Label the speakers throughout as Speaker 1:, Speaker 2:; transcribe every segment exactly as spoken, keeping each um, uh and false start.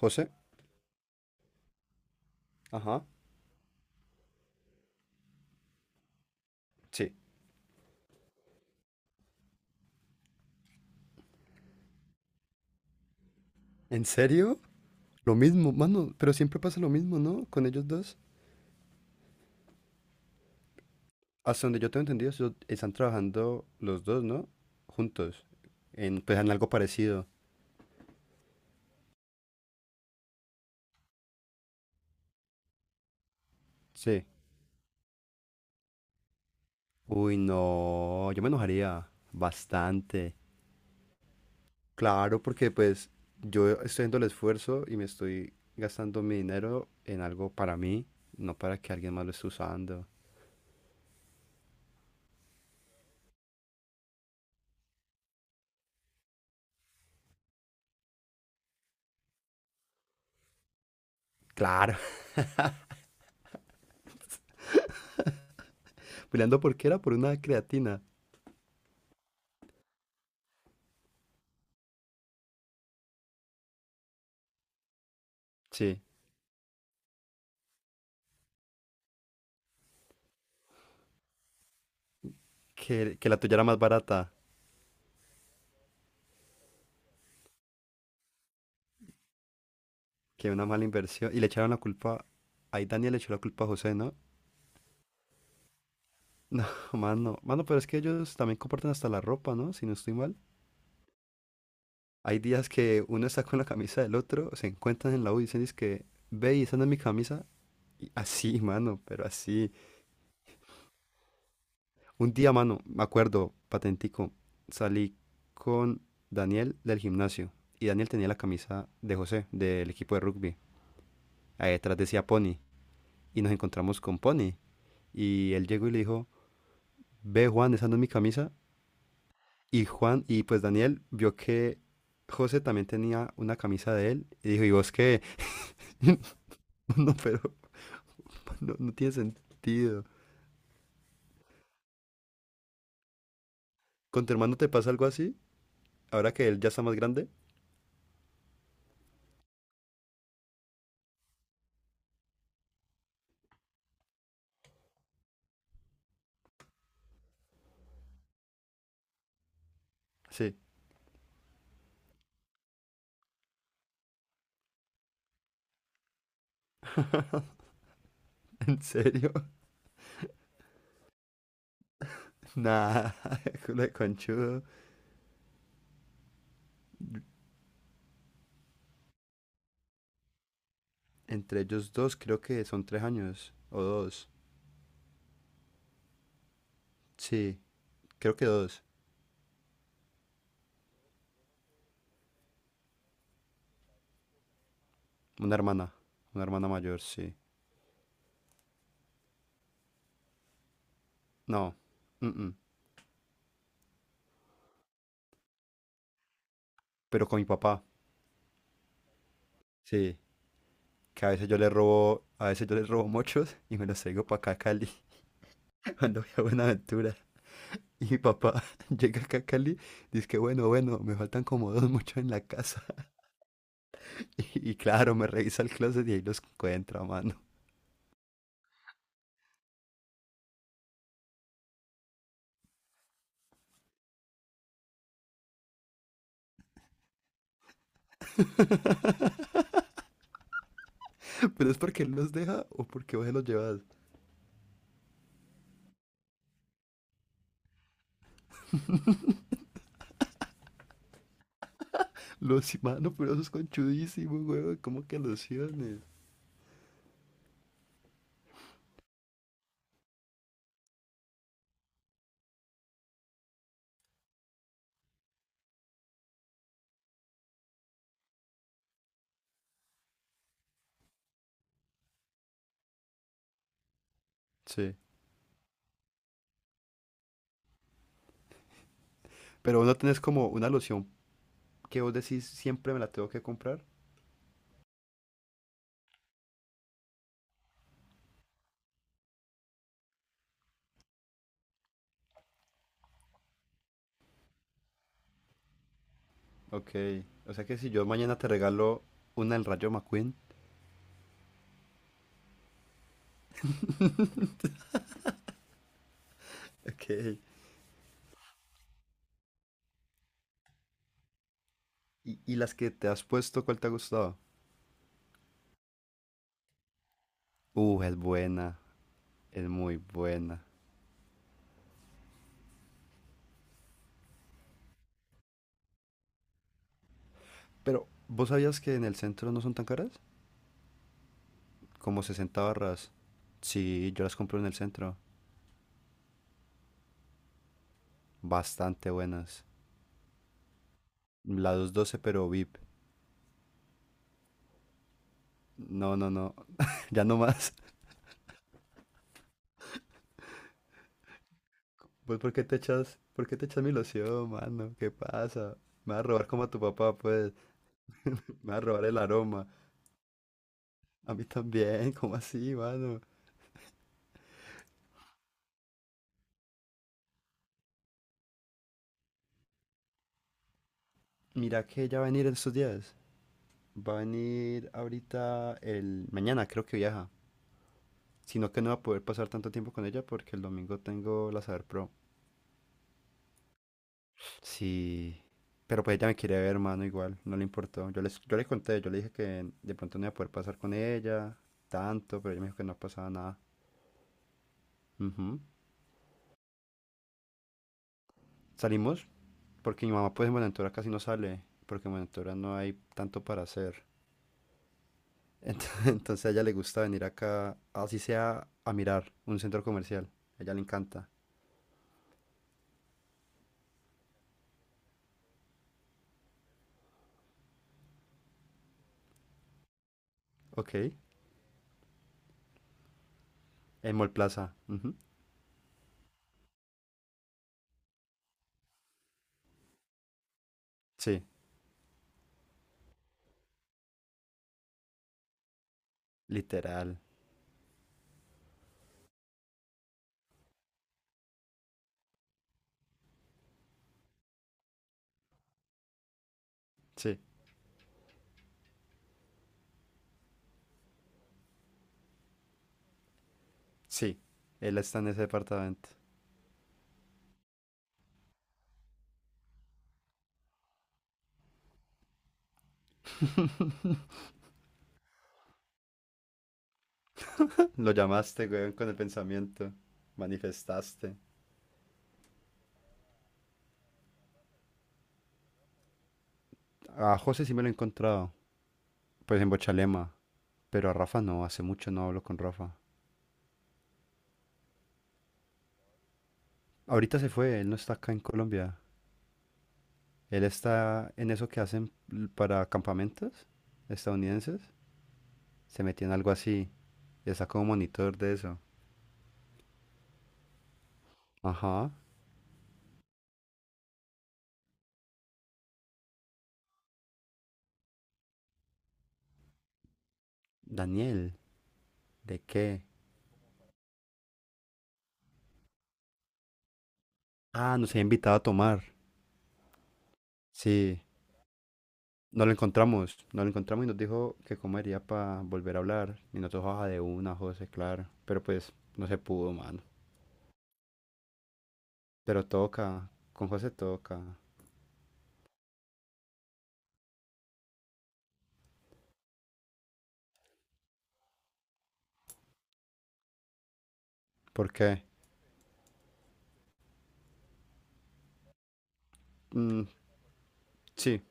Speaker 1: José. Ajá. Sí. ¿En serio? Lo mismo, mano, pero siempre pasa lo mismo, ¿no? Con ellos dos. Hasta donde yo tengo entendido, so- están trabajando los dos, ¿no? Juntos. En, pues en algo parecido. Sí. Uy, no, yo me enojaría bastante. Claro, porque pues yo estoy haciendo el esfuerzo y me estoy gastando mi dinero en algo para mí, no para que alguien más lo esté usando. Claro, peleando porque era por una creatina. Sí, que, que la tuya era más barata. Que una mala inversión. Y le echaron la culpa. Ahí Daniel le echó la culpa a José, ¿no? No, mano. Mano, pero es que ellos también comparten hasta la ropa, ¿no? Si no estoy mal. Hay días que uno está con la camisa del otro, se encuentran en la U y dicen, que ve y esa no es mi camisa. Y así, mano, pero así. Un día, mano, me acuerdo, patentico, salí con Daniel del gimnasio. Y Daniel tenía la camisa de José, del equipo de rugby. Ahí detrás decía Pony. Y nos encontramos con Pony. Y él llegó y le dijo, ve Juan, esa no es mi camisa. Y Juan, y pues Daniel vio que José también tenía una camisa de él y dijo, ¿y vos qué? No, pero no, no tiene sentido. ¿Con tu hermano te pasa algo así? Ahora que él ya está más grande. Sí. ¿En serio? Nah, culo de conchudo. Entre ellos dos creo que son tres años o dos. Sí, creo que dos. Una hermana, una hermana mayor, sí. No, mm, mm, pero con mi papá, sí. Que a veces yo le robo, a veces yo le robo mochos y me los traigo para acá a Cali, cuando voy a Buenaventura. Y mi papá llega acá a Cali, dice que bueno, bueno, me faltan como dos mochos en la casa. Y, y claro, me revisa el closet y ahí los encuentra, mano. Pero es porque él los deja o porque vos se los llevas. Los, mano, pero eso es conchudísimo, huevón. ¿Cómo que lociones? Sí. Pero vos no tenés como una loción que vos decís siempre me la tengo que comprar. Ok, o sea que si yo mañana te regalo una del Rayo McQueen, ok, y, y las que te has puesto, ¿cuál te ha gustado? Uh, es buena, es muy buena. Pero, ¿vos sabías que en el centro no son tan caras? Como sesenta barras. Sí, yo las compro en el centro, bastante buenas. La doscientos doce pero V I P. No, no, no, ya no más. Pues, ¿por qué te echas, por qué te echas mi loción, mano? ¿Qué pasa? Me va a robar como a tu papá, pues. Me va a robar el aroma. A mí también, ¿cómo así, mano? Mira que ella va a venir en estos días. Va a venir ahorita el mañana, creo que viaja. Sino que no va a poder pasar tanto tiempo con ella porque el domingo tengo la Saber Pro. Sí. Pero pues ella me quiere ver, hermano, igual, no le importó. Yo les, yo le conté, yo le dije que de pronto no iba a poder pasar con ella tanto, pero ella me dijo que no pasaba nada. Ujú. Salimos porque mi mamá pues en Buenaventura casi no sale, porque en Buenaventura no hay tanto para hacer. Ent- Entonces a ella le gusta venir acá, así sea a mirar un centro comercial. A ella le encanta. Ok. En Mall Plaza, ujú. Sí, literal. Sí, sí. Él está en ese departamento. Lo llamaste, weón, con el pensamiento. Manifestaste. A José sí me lo he encontrado. Pues en Bochalema. Pero a Rafa no, hace mucho no hablo con Rafa. Ahorita se fue, él no está acá en Colombia. Él está en eso que hacen l- para campamentos estadounidenses. Se metió en algo así. Ya sacó un monitor de eso. Ajá. Daniel, ¿de qué? Ah, nos había invitado a tomar. Sí, no lo encontramos. No lo encontramos y nos dijo que comería para volver a hablar. Y nosotros, baja de una, José, claro. Pero pues no se pudo, mano. Pero toca, con José toca. ¿Por qué? Mm, sí,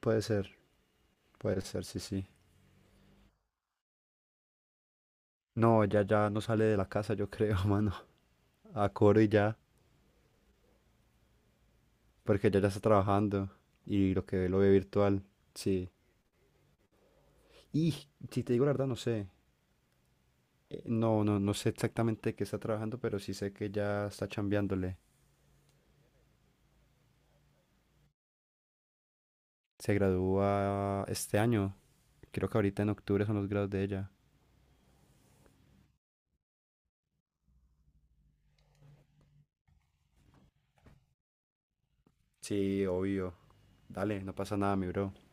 Speaker 1: puede ser, puede ser, sí, sí. No, ya ya no sale de la casa, yo creo, mano. A coro y ya, porque ya ya está trabajando y lo que ve lo ve virtual, sí. Y si te digo la verdad, no sé. Eh, No, no, no sé exactamente qué está trabajando, pero sí sé que ya está chambeándole. Se gradúa este año. Creo que ahorita en octubre son los grados de ella. Sí, obvio. Dale, no pasa nada, mi bro.